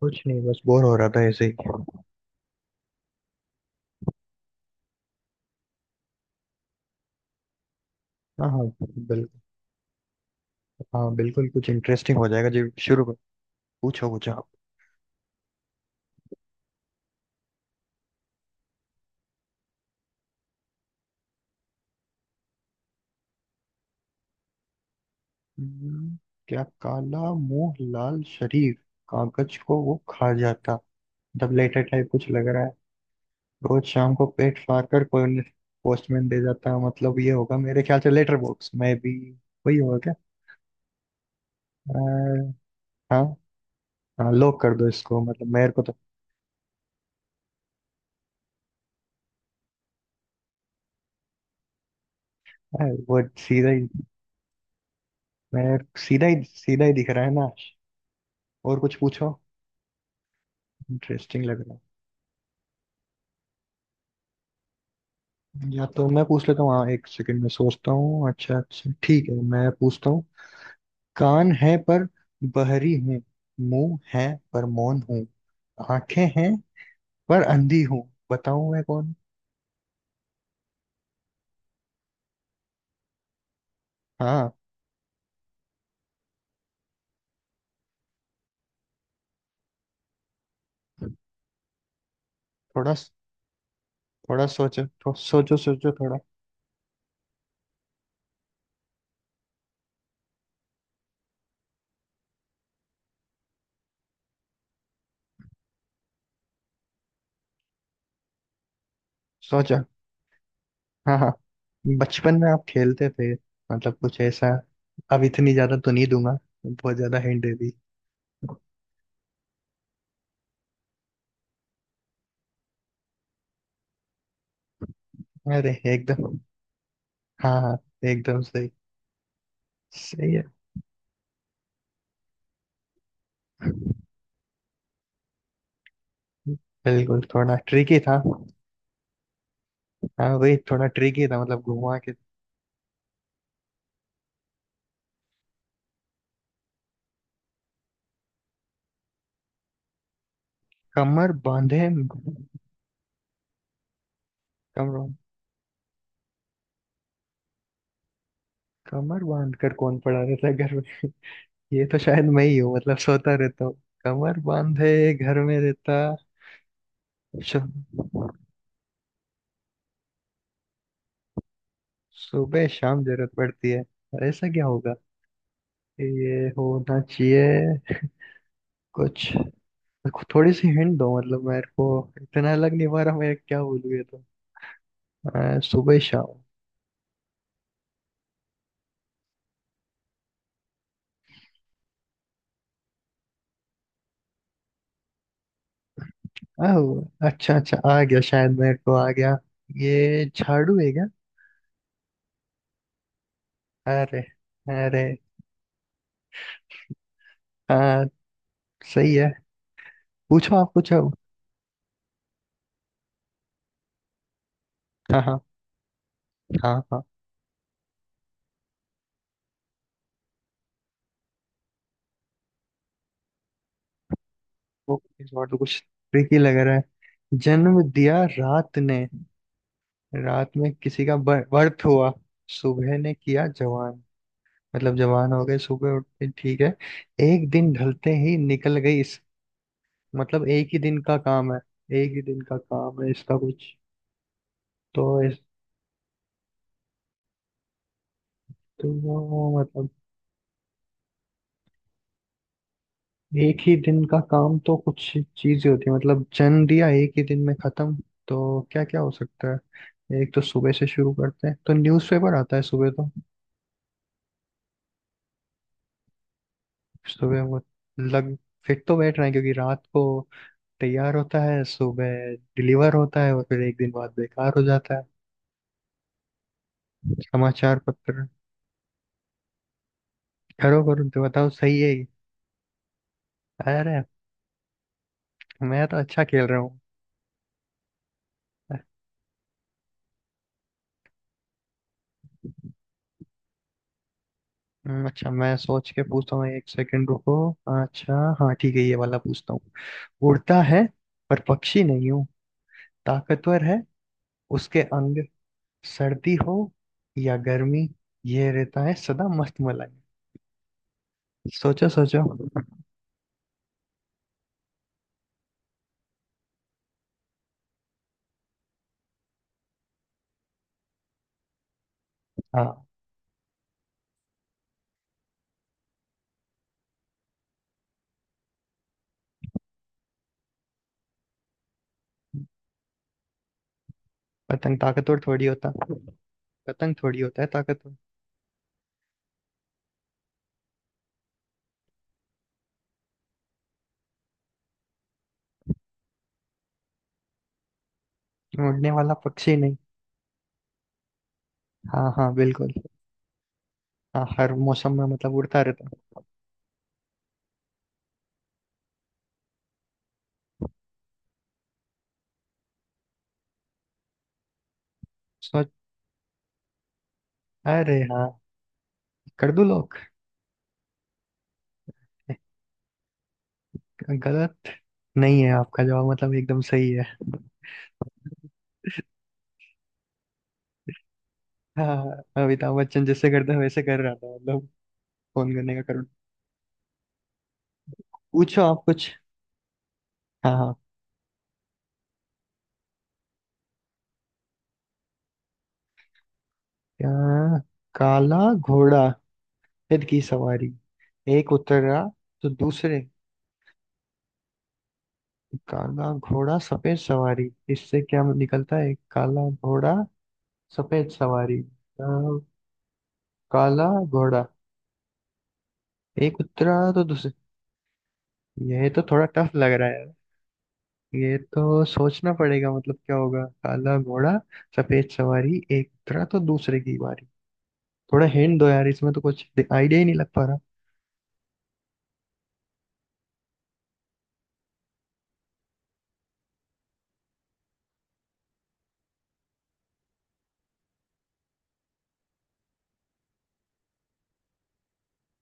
कुछ नहीं, बस बोर हो रहा था ऐसे ही। हाँ हाँ बिल्कुल। हाँ बिल्कुल, कुछ इंटरेस्टिंग हो जाएगा। जी शुरू करो। पूछो कुछ आप। हम्म, क्या? काला मुंह लाल शरीर, कागज को वो खा जाता। तब लेटर टाइप कुछ लग रहा है। रोज शाम को पेट फाड़ कर कोई पोस्टमैन दे जाता, मतलब ये होगा मेरे ख्याल से। लेटर बॉक्स में भी वही होगा क्या? अ, हाँ। हाँ लॉक कर दो इसको, मतलब मेरे को तो अ, वो सीधा ही, मेरे सीधा ही दिख रहा है ना। और कुछ पूछो, इंटरेस्टिंग लग रहा है। या तो मैं पूछ लेता हूँ, हाँ एक सेकंड में सोचता हूँ। अच्छा अच्छा ठीक है, मैं पूछता हूँ। कान है पर बहरी हूँ, मुंह है पर मौन हूँ, आंखें हैं पर अंधी हूँ, बताऊँ मैं कौन। हाँ। थोड़ा थोड़ा सोचो, सोचो सोचो थोड़ा सोचो। हाँ हाँ, बचपन में आप खेलते थे मतलब कुछ ऐसा। अब इतनी ज्यादा तो नहीं दूंगा, बहुत ज्यादा हिंट दे दी। अरे एकदम! हाँ हाँ एकदम सही। सही है। बिल्कुल थोड़ा ट्रिकी था। हाँ वही थोड़ा ट्रिकी था, मतलब घुमा के। कमर बांधे, कमर, कमर बांध कर कौन पड़ा रहता है घर में? ये तो शायद मैं ही हूँ, मतलब सोता रहता हूँ। कमर बांधे घर में रहता। शु- सुबह शाम जरूरत पड़ती है, ऐसा क्या होगा? ये होना चाहिए कुछ। थोड़ी सी हिंट दो मतलब मेरे को, इतना लग नहीं पा रहा, मैं क्या बोलूँ ये तो। सुबह शाम। आह, अच्छा अच्छा आ गया, शायद मेरे को आ गया। ये झाड़ू है क्या? अरे! अरे हाँ, सही है। पूछो आप पूछो। हाँ हाँ हाँ हाँ। वो इस बार तो कुछ ट्रिकी लग रहा है। जन्म दिया रात ने, रात में किसी का बर्थ हुआ। सुबह ने किया जवान, मतलब जवान हो गए सुबह उठते, ठीक है। एक दिन ढलते ही निकल गई इस, मतलब एक ही दिन का काम है। एक ही दिन का काम है इसका कुछ। तो इस, तो मतलब एक ही दिन का काम तो कुछ चीजें होती है, मतलब जन्म दिया एक ही दिन में खत्म। तो क्या क्या हो सकता है? एक तो सुबह से शुरू करते हैं तो न्यूज़पेपर आता है सुबह तो। सुबह वो लग, फिट तो बैठ रहे हैं क्योंकि रात को तैयार होता है, सुबह डिलीवर होता है और फिर एक दिन बाद बेकार हो जाता है, समाचार पत्र। करो करो, तो बताओ सही है ये। अरे, मैं तो अच्छा खेल रहा हूँ। अच्छा मैं सोच के पूछता हूँ, एक सेकंड रुको। अच्छा हाँ ठीक है, ये वाला पूछता हूँ। उड़ता है पर पक्षी नहीं हूँ, ताकतवर है उसके अंग, सर्दी हो या गर्मी, ये रहता है सदा मस्त मलाई। सोचो सोचो। हाँ, पतंग ताकतवर थोड़ी होता, पतंग थोड़ी होता है ताकतवर। उड़ने वाला पक्षी नहीं। हाँ हाँ बिल्कुल। हाँ हर मौसम में मतलब उड़ता रहता है। सोच। अरे हाँ, कर दूं लोग, गलत नहीं है आपका जवाब, मतलब एकदम सही है। हाँ, अमिताभ बच्चन जैसे करते हैं वैसे कर रहा था, मतलब फोन करने का करूँ। पूछो आप कुछ। हाँ हाँ। क्या? काला घोड़ा, फिर की सवारी, एक उतरा तो दूसरे। काला घोड़ा सफेद सवारी, इससे क्या निकलता है? काला घोड़ा सफेद सवारी। अ, काला घोड़ा, एक उतरा तो दूसरे। यह तो थोड़ा टफ लग रहा है। ये तो सोचना पड़ेगा, मतलब क्या होगा? काला घोड़ा सफेद सवारी, एक उतरा तो दूसरे की बारी। थोड़ा हिंट दो यार, इसमें तो कुछ आइडिया ही नहीं लग पा रहा।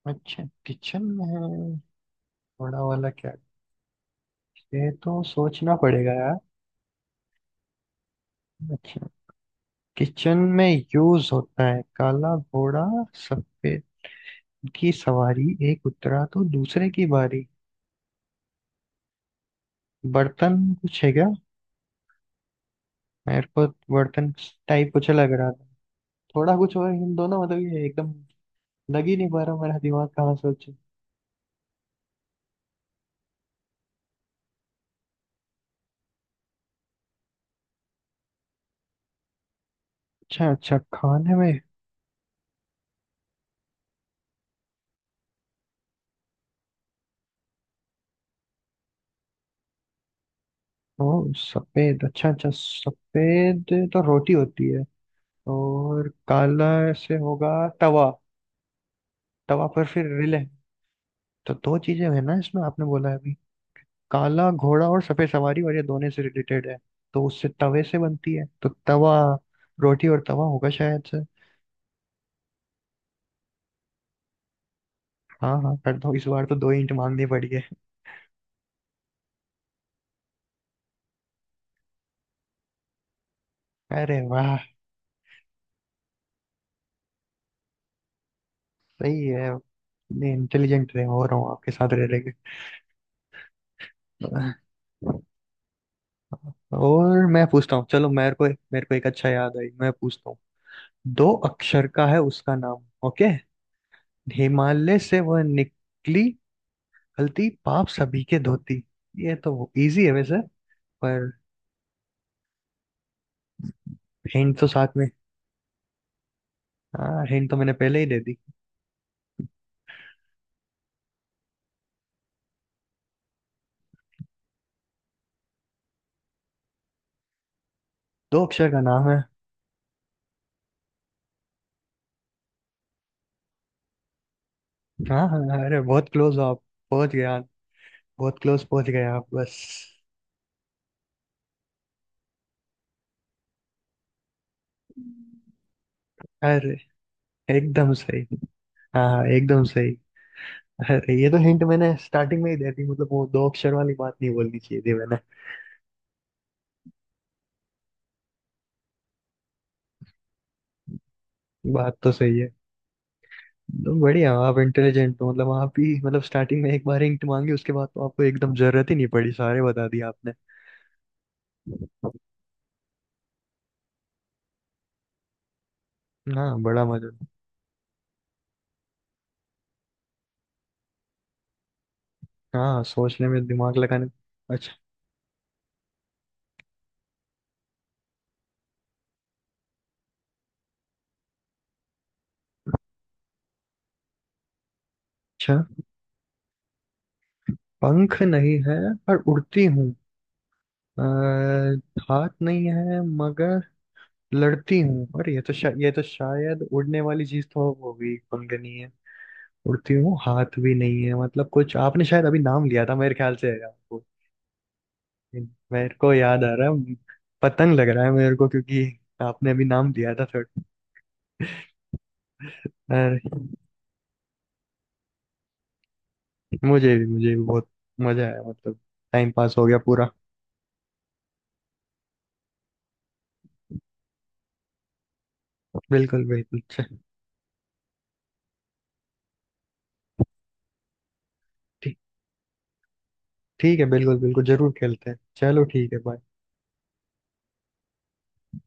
अच्छा, किचन में है, घोड़ा वाला क्या? ये तो सोचना पड़ेगा यार। अच्छा किचन में यूज होता है। काला घोड़ा सफेद की सवारी, एक उतरा तो दूसरे की बारी। बर्तन कुछ है क्या? मेरे को बर्तन टाइप कुछ लग रहा था। थोड़ा कुछ और, इन दोनों मतलब ये एकदम लग ही नहीं पा रहा, मेरा दिमाग कहाँ सोचे। अच्छा अच्छा, खाने में। ओ, सफेद अच्छा अच्छा, सफेद तो रोटी होती है, और काला से होगा तवा। तवा पर फिर रिले। तो दो चीजें है ना इसमें, आपने बोला है अभी काला घोड़ा और सफेद सवारी, और ये दोनों से रिलेटेड है। तो उससे तवे से बनती है तो तवा रोटी, और तवा होगा शायद से। हाँ हाँ कर दो, इस बार तो दो इंट मांगनी पड़ी है। अरे वाह, सही है। इतने इंटेलिजेंट रहे हो रहा हूँ आपके साथ रह रह के, और मैं पूछता हूँ चलो मेरे को। मेरे को एक अच्छा याद आई, मैं पूछता हूँ। दो अक्षर का है उसका नाम, ओके। हिमालय से वह निकली, गलती पाप सभी के धोती। ये तो इजी है वैसे, पर हिंट तो साथ में। हाँ हिंट तो मैंने पहले ही दे दी, दो अक्षर का नाम है। हाँ हाँ, हाँ, अरे बहुत क्लोज हो आप। पहुंच गए आप, बहुत क्लोज पहुंच गए आप बस। अरे एकदम सही! हाँ हाँ, एकदम सही। अरे ये तो हिंट मैंने स्टार्टिंग में ही दे दी, मतलब वो दो अक्षर वाली बात नहीं बोलनी चाहिए थी मैंने। बात तो सही है। तो बढ़िया, आप इंटेलिजेंट हो मतलब आप भी, मतलब स्टार्टिंग में एक बार हिंट मांगी, उसके बाद तो आपको एकदम जरूरत ही नहीं पड़ी, सारे बता दिए आपने। हाँ बड़ा मजा। हाँ सोचने में दिमाग लगाने। अच्छा अच्छा। पंख नहीं है पर उड़ती हूँ, अह, हाथ नहीं है मगर लड़ती हूँ। और ये तो ये तो शायद उड़ने वाली चीज तो हो गई, पंख नहीं है, उड़ती हूँ, हाथ भी नहीं है, मतलब कुछ आपने शायद अभी नाम लिया था मेरे ख्याल से आपको। मेरे को याद आ रहा है, पतंग लग रहा है मेरे को, क्योंकि आपने अभी नाम दिया था थोड़ा। अरे, मुझे भी बहुत मजा आया, मतलब टाइम पास हो गया पूरा। बिल्कुल बिल्कुल, ठीक, ठीक है बिल्कुल बिल्कुल, जरूर खेलते हैं। चलो ठीक है, बाय।